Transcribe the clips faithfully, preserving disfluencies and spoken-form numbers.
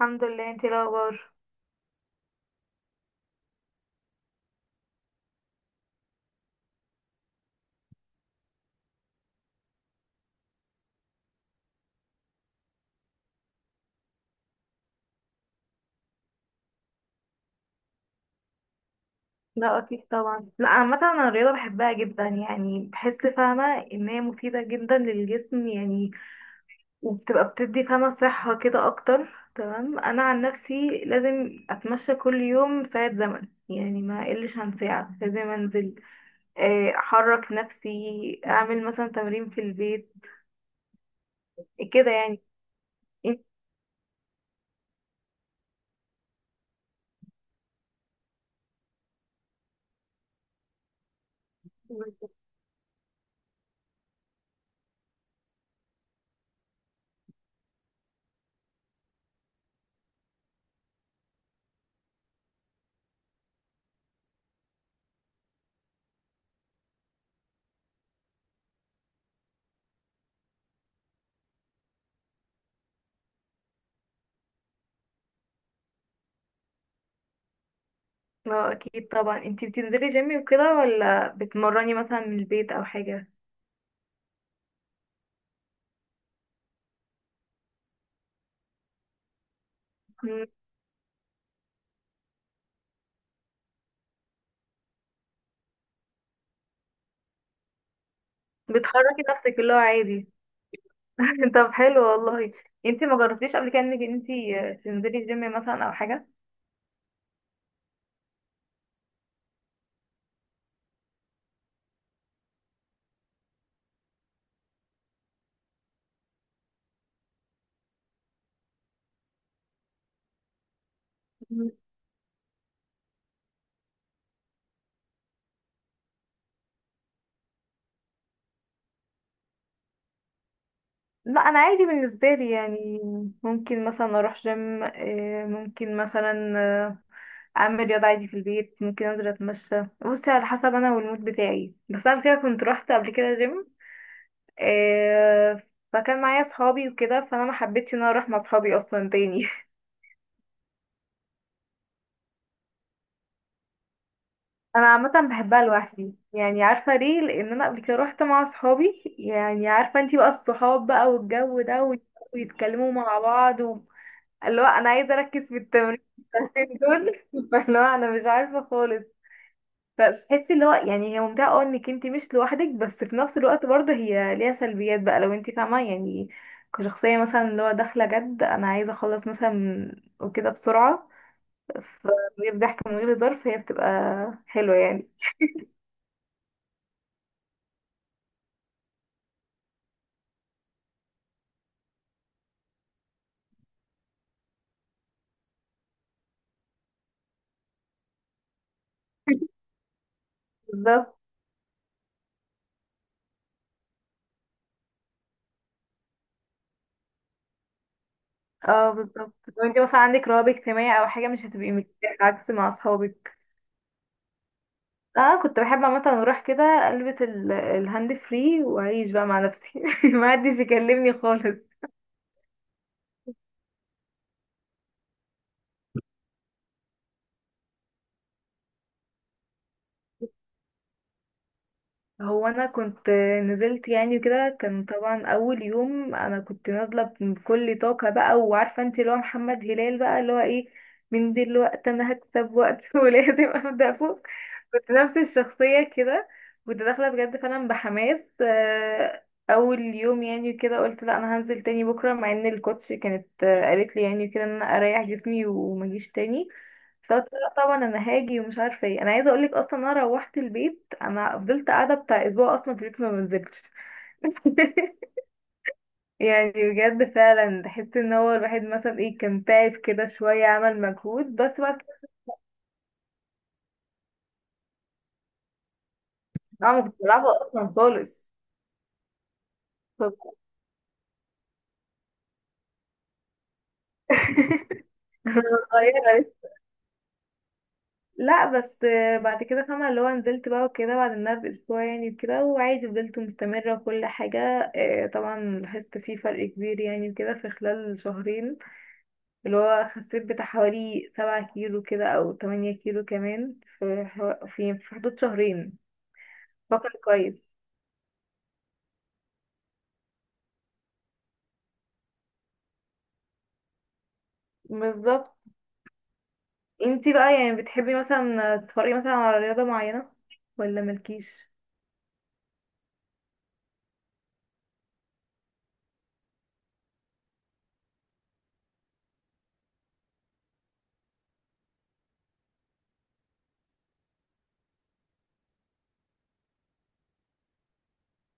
الحمد لله، انتي ايه الاخبار؟ لا، اكيد طبعا. لا، عامه انا الرياضه بحبها جدا، يعني بحس فاهمه ان هي مفيده جدا للجسم يعني. وبتبقى بتدي فاهمه صحه كده اكتر. تمام، انا عن نفسي لازم اتمشى كل يوم ساعه زمن، يعني ما اقلش عن ساعه. لازم انزل، آه، احرك نفسي، اعمل مثلا تمرين في البيت كده يعني. انت- لا اكيد طبعا، انتي بتنزلي جيم وكده ولا بتمرني مثلا من البيت او حاجه؟ بتحركي نفسك اللي هو عادي. طب حلو والله. انتي ما جربتيش قبل كده انك انتي آه، تنزلي جيم مثلا او حاجه؟ مم. لا انا عادي بالنسبه لي يعني، ممكن مثلا اروح جيم، آه، ممكن مثلا آه، اعمل رياضه عادي في البيت، ممكن انزل اتمشى. بصي، على حسب انا والمود بتاعي. بس انا كده كنت روحت قبل كده جيم، آه، فكان معايا صحابي وكده، فانا ما حبيتش ان انا اروح مع صحابي اصلا تاني. انا عامه بحبها لوحدي يعني، عارفه ليه؟ لان انا قبل كده روحت مع اصحابي يعني. عارفه انتي بقى، الصحاب بقى والجو ده وي- ويتكلموا مع بعض و... اللي هو انا عايزه اركز في التمرين. دول فاللي هو انا مش عارفه خالص. فبتحسي اللي هو، يعني هي ممتعه اه، انك انتي مش لوحدك، بس في نفس الوقت برضه هي ليها سلبيات بقى لو انتي فاهمه يعني. كشخصيه مثلا اللي هو داخله جد، انا عايزه اخلص مثلا وكده بسرعه. فبيبقى ضحك من غير ظرف، هي بتبقى حلوه يعني. بالظبط. اه بالظبط، لو انت مثلا عندك رهاب اجتماعي او حاجه مش هتبقي مرتاحه عكس مع اصحابك. اه كنت بحب عامه اروح كده البس ال- الهاند فري واعيش بقى مع نفسي ما حدش يكلمني خالص. هو انا كنت نزلت يعني كده، كان طبعا اول يوم انا كنت نازله بكل طاقه بقى، وعارفه انت اللي هو محمد هلال بقى اللي هو ايه، من دلوقتي انا هكسب وقت ولازم ابدا فوق. كنت نفس الشخصيه كده، كنت داخله بجد فعلا بحماس. آه، اول يوم يعني كده قلت لا انا هنزل تاني بكره، مع ان الكوتش كانت آه، قالت لي يعني كده ان انا اريح جسمي وما اجيش تاني. بس قلت لا طبعا انا هاجي، ومش عارفه ايه انا عايزه اقولك، اصلا انا روحت البيت انا فضلت قاعده بتاع اسبوع اصلا في البيت ما بنزلتش. يعني بجد فعلا تحس ان هو الواحد مثلا ايه، كان تعب كده شويه، عمل مجهود، بس بعد كده انا ما كنتش بلعبها اصلا خالص. طب- أنا صغيره لسه. لا بس بعد كده فاهمه اللي هو نزلت بقى وكده بعد انها باسبوع يعني وكده، وعادي فضلت مستمره وكل حاجه. آه، طبعا لاحظت فيه فرق كبير يعني، وكده في خلال شهرين، اللي هو خسيت بتاع حوالي سبعة كيلو كده أو تمانية كيلو كمان في حو- في في حدود شهرين. فاكرة كويس. بالظبط. انتي بقى يعني بتحبي مثلا تتفرجي مثلا على رياضة معينة ولا مالكيش؟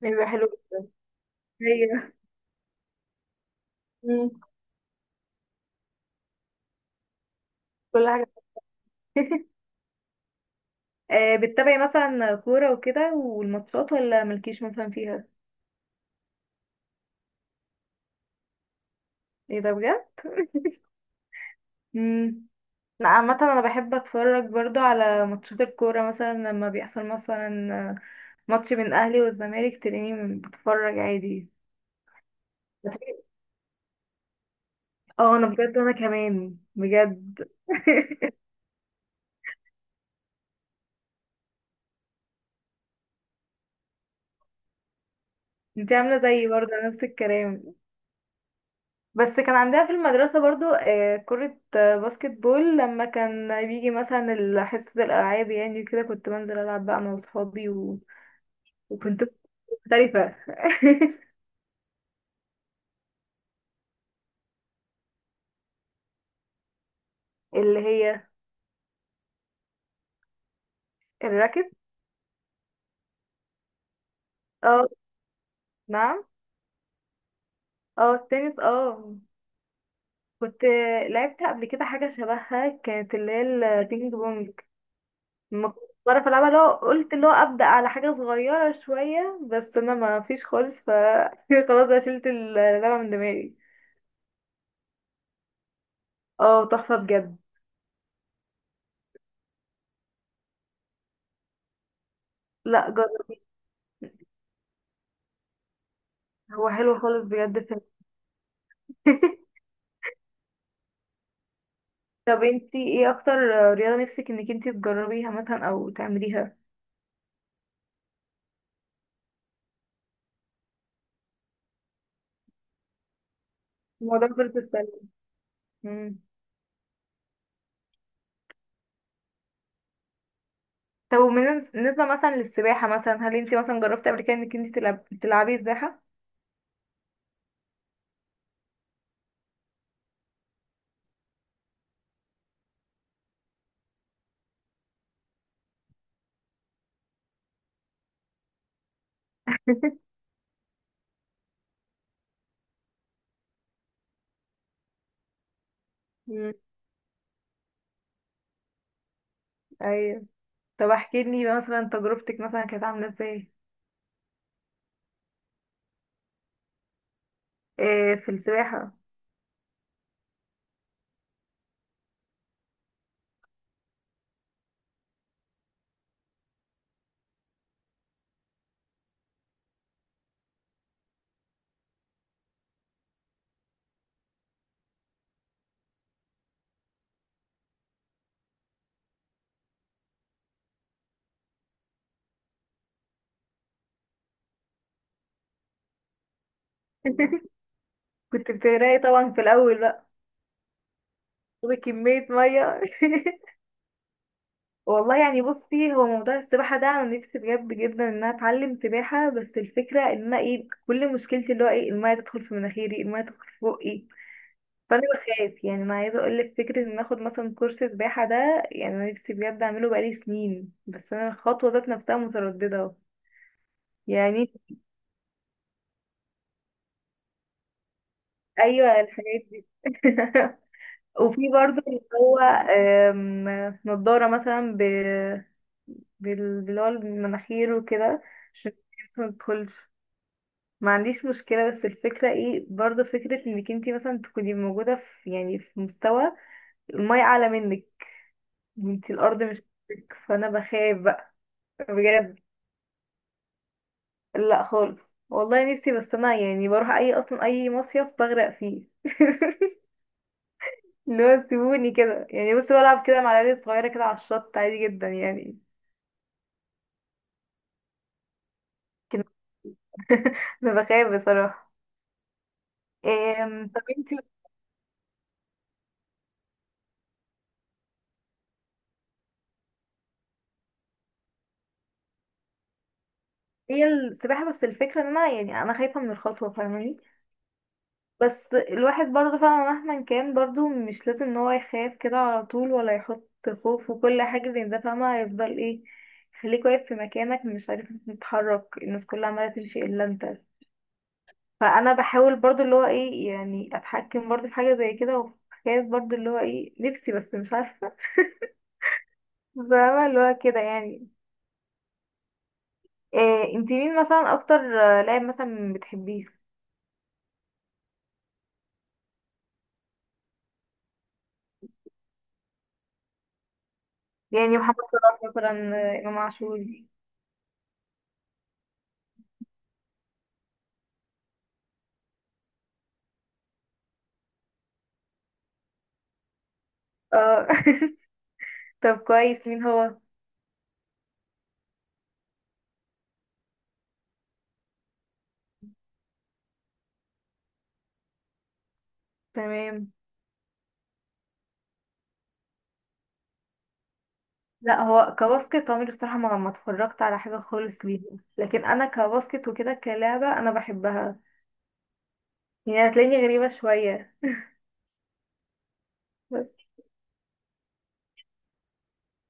بيبقى حلو. هي. مم. كل حاجة. آه بتتابعي مثلا كورة وكده والماتشات ولا مالكيش مثلا فيها؟ ايه ده بجد؟ مم. لا عامة انا بحب اتفرج برضو على ماتشات الكورة، مثلا لما بيحصل مثلا ماتش بين الاهلي والزمالك تلاقيني بتفرج عادي. اه انا بجد، وانا كمان بجد. انت عامله زيي برضه نفس الكلام. بس كان عندها في المدرسه برضه آه، كره آه، باسكت بول، لما كان بيجي مثلا ال- حصه الالعاب يعني كده كنت بنزل العب بقى انا واصحابي و... وكنت مختلفه. اللي هي الراكت. اه نعم. اه التنس اه. كنت لعبت قبل كده حاجه شبهها، كانت اللي هي البينج بونج. ما كنتش بعرف العبها، لو قلت اللي هو ابدا على حاجه صغيره شويه بس انا ما فيش خالص ف خلاص بقى شلت اللعبه من دماغي. اه تحفه بجد. لا جرب. هو حلو خالص بجد فعلا. طب انتي ايه اكتر رياضه نفسك انك انتي تجربيها مثلا او تعمليها؟ الموضوع كرة السله. مم. طب وبالنسبه مثلا للسباحه، مثلا هل انتي مثلا جربتي قبل كده انك انتي تلعب... تلعبي سباحه؟ مم. ايوه. طب احكي لي مثلا تجربتك مثلا كانت عامله ازاي؟ إيه في السباحه. كنت بتغرقي طبعا في الاول بقى، تاخدي كميه ميه. والله يعني، بصي هو موضوع السباحه ده انا نفسي بجد جدا ان انا اتعلم سباحه، بس الفكره ان انا ايه، كل مشكلتي اللي هو ايه، الميه تدخل في مناخيري، الميه تدخل في بقي. فانا بخاف يعني، انا عايزه اقول لك، فكره ان اخد مثلا كورس سباحه ده، يعني انا نفسي بجد اعمله بقالي سنين، بس انا الخطوه ذات نفسها متردده يعني. ايوه الحاجات دي. وفي برضه اللي هو، آم، نضارة مثلا ب... بال... باللي هو المناخير وكده، عشان الشمس ما تدخلش. ما عنديش مشكلة، بس الفكرة ايه برضه، فكرة انك انتي مثلا تكوني موجودة في، يعني في مستوى المية أعلى منك، انتي الأرض مش فوقك. فأنا بخاف بقى. بجد. لا خالص. والله نفسي، بس أنا يعني بروح أي، أصلا أي مصيف بغرق فيه. اللي هو سيبوني كده يعني، بس بلعب كده مع العيال الصغيرة كده على الشط عادي جدا يعني. لكن انا بخاف بصراحة. إيه. طب انتي. هي السباحة، بس الفكرة ان انا يعني انا خايفة من الخطوة، فاهماني. بس الواحد برضه فعلا مهما كان، برضه مش لازم ان هو يخاف كده على طول، ولا يحط خوف وكل حاجة زي ده. فاهمة هيفضل ايه، خليك واقف في مكانك مش عارف تتحرك، الناس كلها عمالة تمشي الا انت. فانا بحاول برضه اللي هو ايه، يعني اتحكم برضه في حاجة زي كده، وخايف برضه اللي هو ايه نفسي، بس مش عارفة. فاهمة اللي هو كده يعني. إيه انت مين مثلا اكتر آه، لاعب مثلا بتحبيه، يعني محمد صلاح مثلا، آه، امام عاشور؟ اه. طب كويس، مين هو؟ تمام. لا هو كباسكت، عمري الصراحه ما ما اتفرجت على حاجه خالص ليه. لكن انا كباسكت وكده كلعبه انا بحبها. يعني هتلاقيني غريبه شويه.